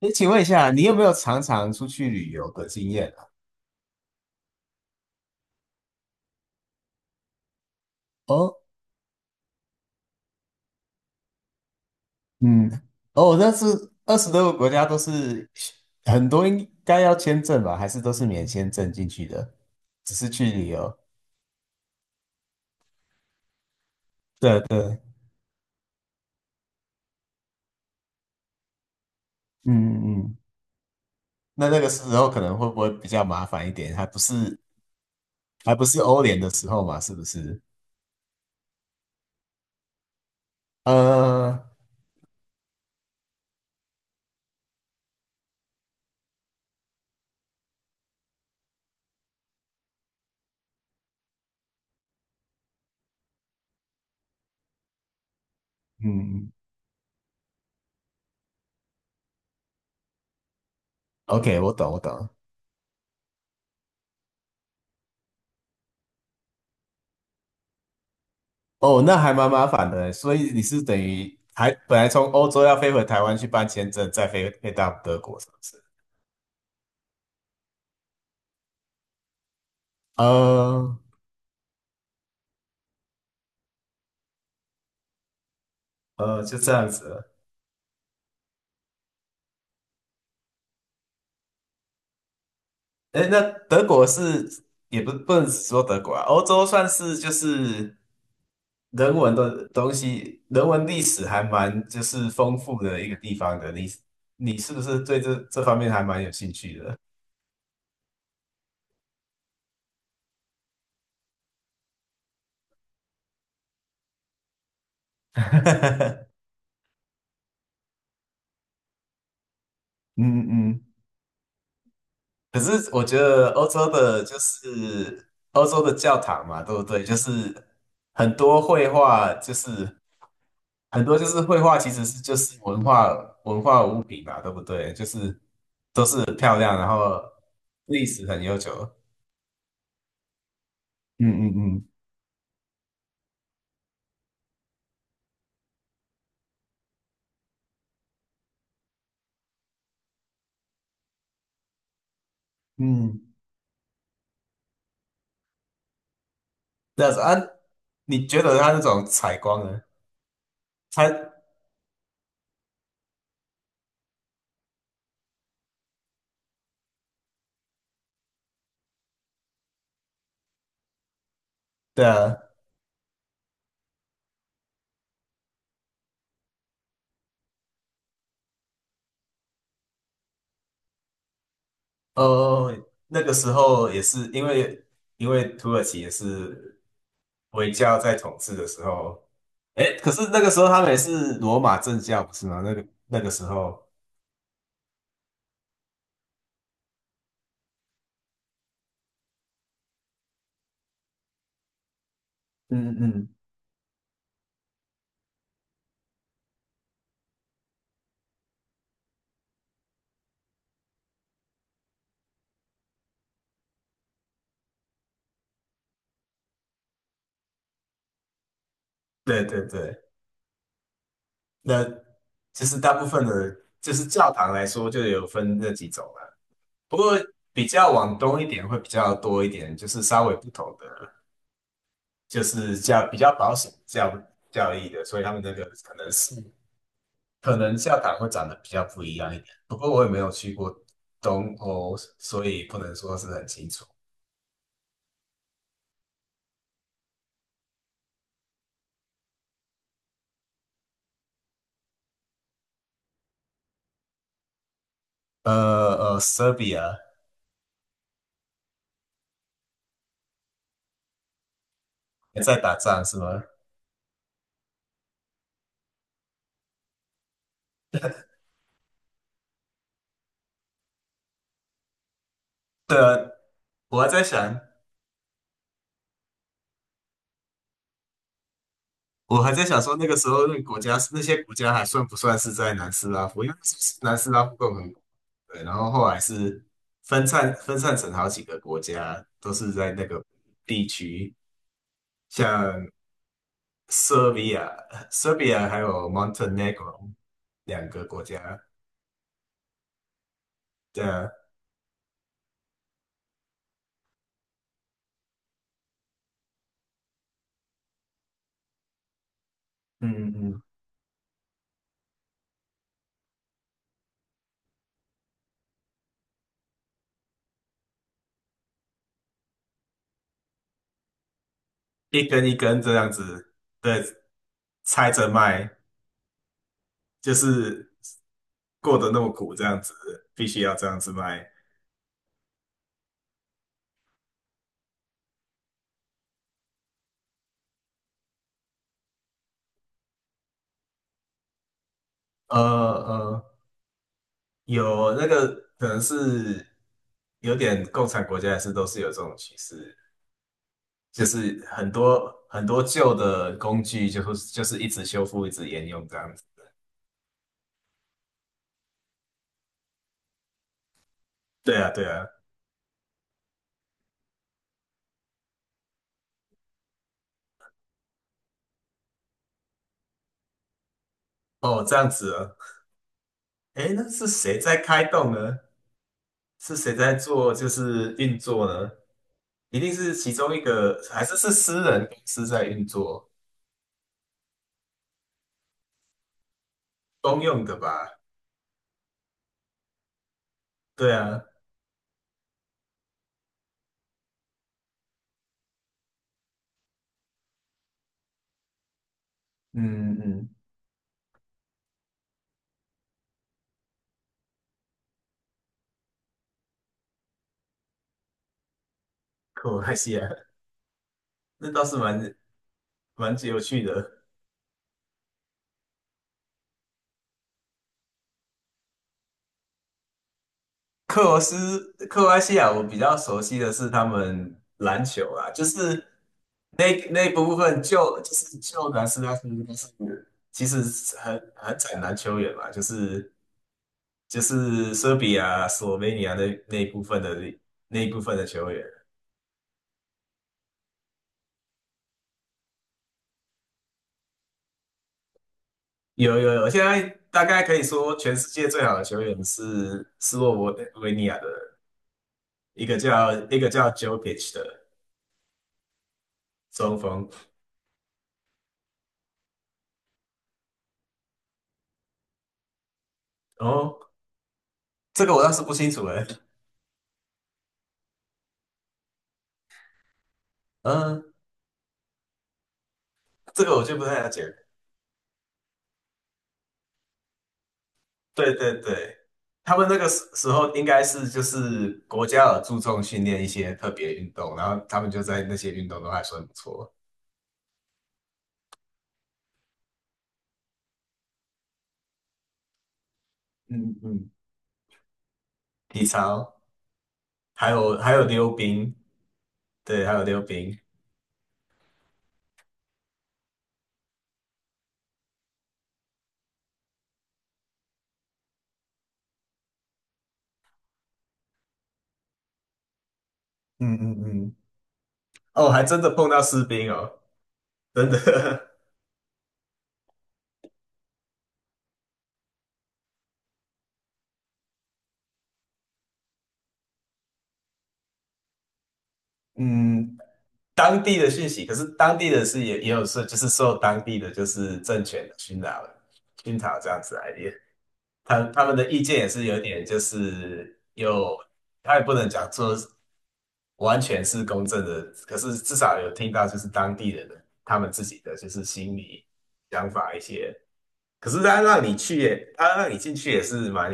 诶，请问一下，你有没有常常出去旅游的经验啊？哦，嗯，哦，那是二十多个国家都是很多应该要签证吧？还是都是免签证进去的？只是去旅游？对对，嗯嗯嗯。那个时候可能会不会比较麻烦一点？还不是欧联的时候嘛？是不是？呃，嗯，OK，我懂我懂。哦，那还蛮麻烦的欸，所以你是等于还本来从欧洲要飞回台湾去办签证，再飞到德国，是不是？呃就这样子了。哎，那德国是也不能只说德国啊，欧洲算是就是人文的东西，人文历史还蛮就是丰富的一个地方的。你是不是对这方面还蛮有兴趣的？嗯嗯。可是我觉得欧洲的，就是欧洲的教堂嘛，对不对？就是很多绘画，就是很多就是绘画，其实是就是文化物品嘛，对不对？就是都是很漂亮，然后历史很悠久。嗯嗯嗯嗯，这样子啊？你觉得它那种采光呢？它对啊，哦，那个时候也是因为土耳其也是。回教在统治的时候，哎，可是那个时候他们也是罗马正教，不是吗？那个时候，嗯嗯，对对对，那其实大部分的，就是教堂来说，就有分那几种了。不过比较往东一点会比较多一点，就是稍微不同的，就是教比较保守的教义的，所以他们那个可能教堂会长得比较不一样一点。不过我也没有去过东欧，所以不能说是很清楚。呃Serbia 也在打仗是吗？对啊，我还在想，我还在想说那个时候那个国家那些国家还算不算是在南斯拉夫？因为是南斯拉夫共和国，对，然后后来是分散成好几个国家，都是在那个地区，像 Serbia、Serbia 还有 Montenegro 两个国家，对啊，嗯嗯，一根一根这样子，对，拆着卖。就是过得那么苦，这样子必须要这样子卖。呃呃，有那个可能是有点共产国家也是都是有这种趋势，就是很多很多旧的工具就是一直修复，一直沿用这样子。对啊，对啊，哦，这样子啊，诶，那是谁在开动呢？是谁在做就是运作呢？一定是其中一个，还是私人公司在运作，公用的吧？对啊，嗯嗯，克罗埃西亚，那倒是蛮有趣的。克罗埃西亚，我比较熟悉的是他们篮球啊，就是那一部分就是南斯拉夫，但是其实很惨男球员嘛，就是塞比亚、斯洛维尼亚那一部分的球员，有有有，现在大概可以说全世界最好的球员是斯洛文维尼亚的人一个叫 Jokic 的。中锋。哦，这个我倒是不清楚哎。嗯，这个我就不太了解。对对对，他们那个时候应该是就是国家有注重训练一些特别运动，然后他们就在那些运动都还算不错。嗯嗯，体操，还有溜冰，对，还有溜冰。嗯嗯嗯，哦，还真的碰到士兵哦，真的。嗯，当地的讯息，可是当地的是也有受，就是受当地的就是政权的熏陶了，熏陶这样子来的。他们的意见也是有点，就是有，他也不能讲说完全是公正的，可是至少有听到就是当地人的他们自己的就是心理想法一些。可是他让你去也，他让你进去也是蛮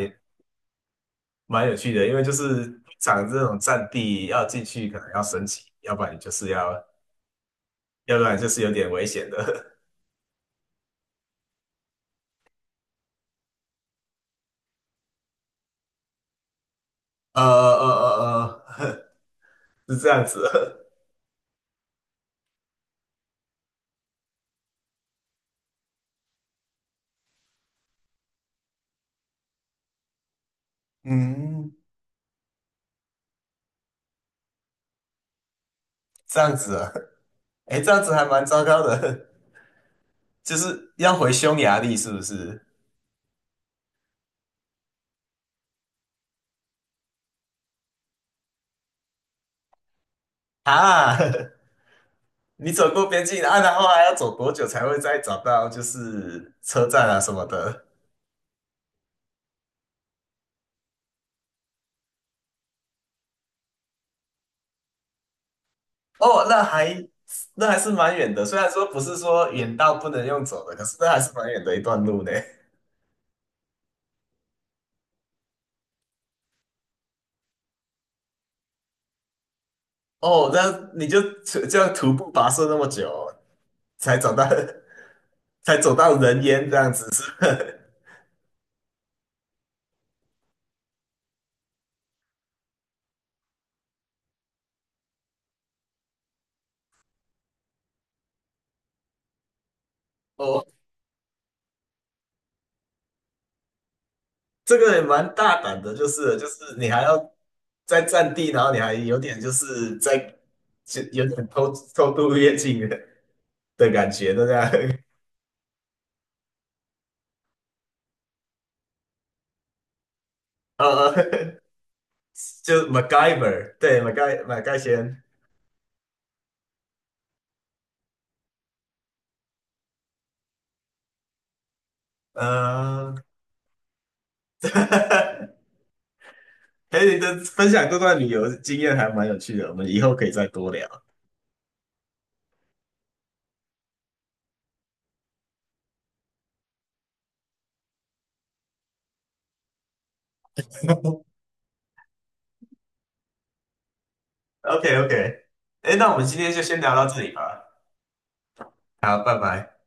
蛮有趣的，因为就是通常这种战地要进去可能要升级，要不然就是要，要不然就是有点危险的。呃呃呃呃，是这样子。嗯，这样子啊，哎，这样子还蛮糟糕的。就是要回匈牙利，是不是？啊，你走过边境啊，然后还要走多久才会再找到就是车站啊什么的？哦，那还是蛮远的，虽然说不是说远到不能用走的，可是那还是蛮远的一段路呢。哦，那你就这样徒步跋涉那么久，才找到 才走到人烟这样子，是吧？哦这个也蛮大胆的，就是你还要在占地，然后你还有点就是在就有点偷渡越境的感觉，对不对？呃，就是 MacGyver，对，MacGy 先，呃，哎，你的分享这段旅游经验还蛮有趣的，我们以后可以再多聊。OK OK，哎，那我们今天就先聊到这里吧，好，拜拜。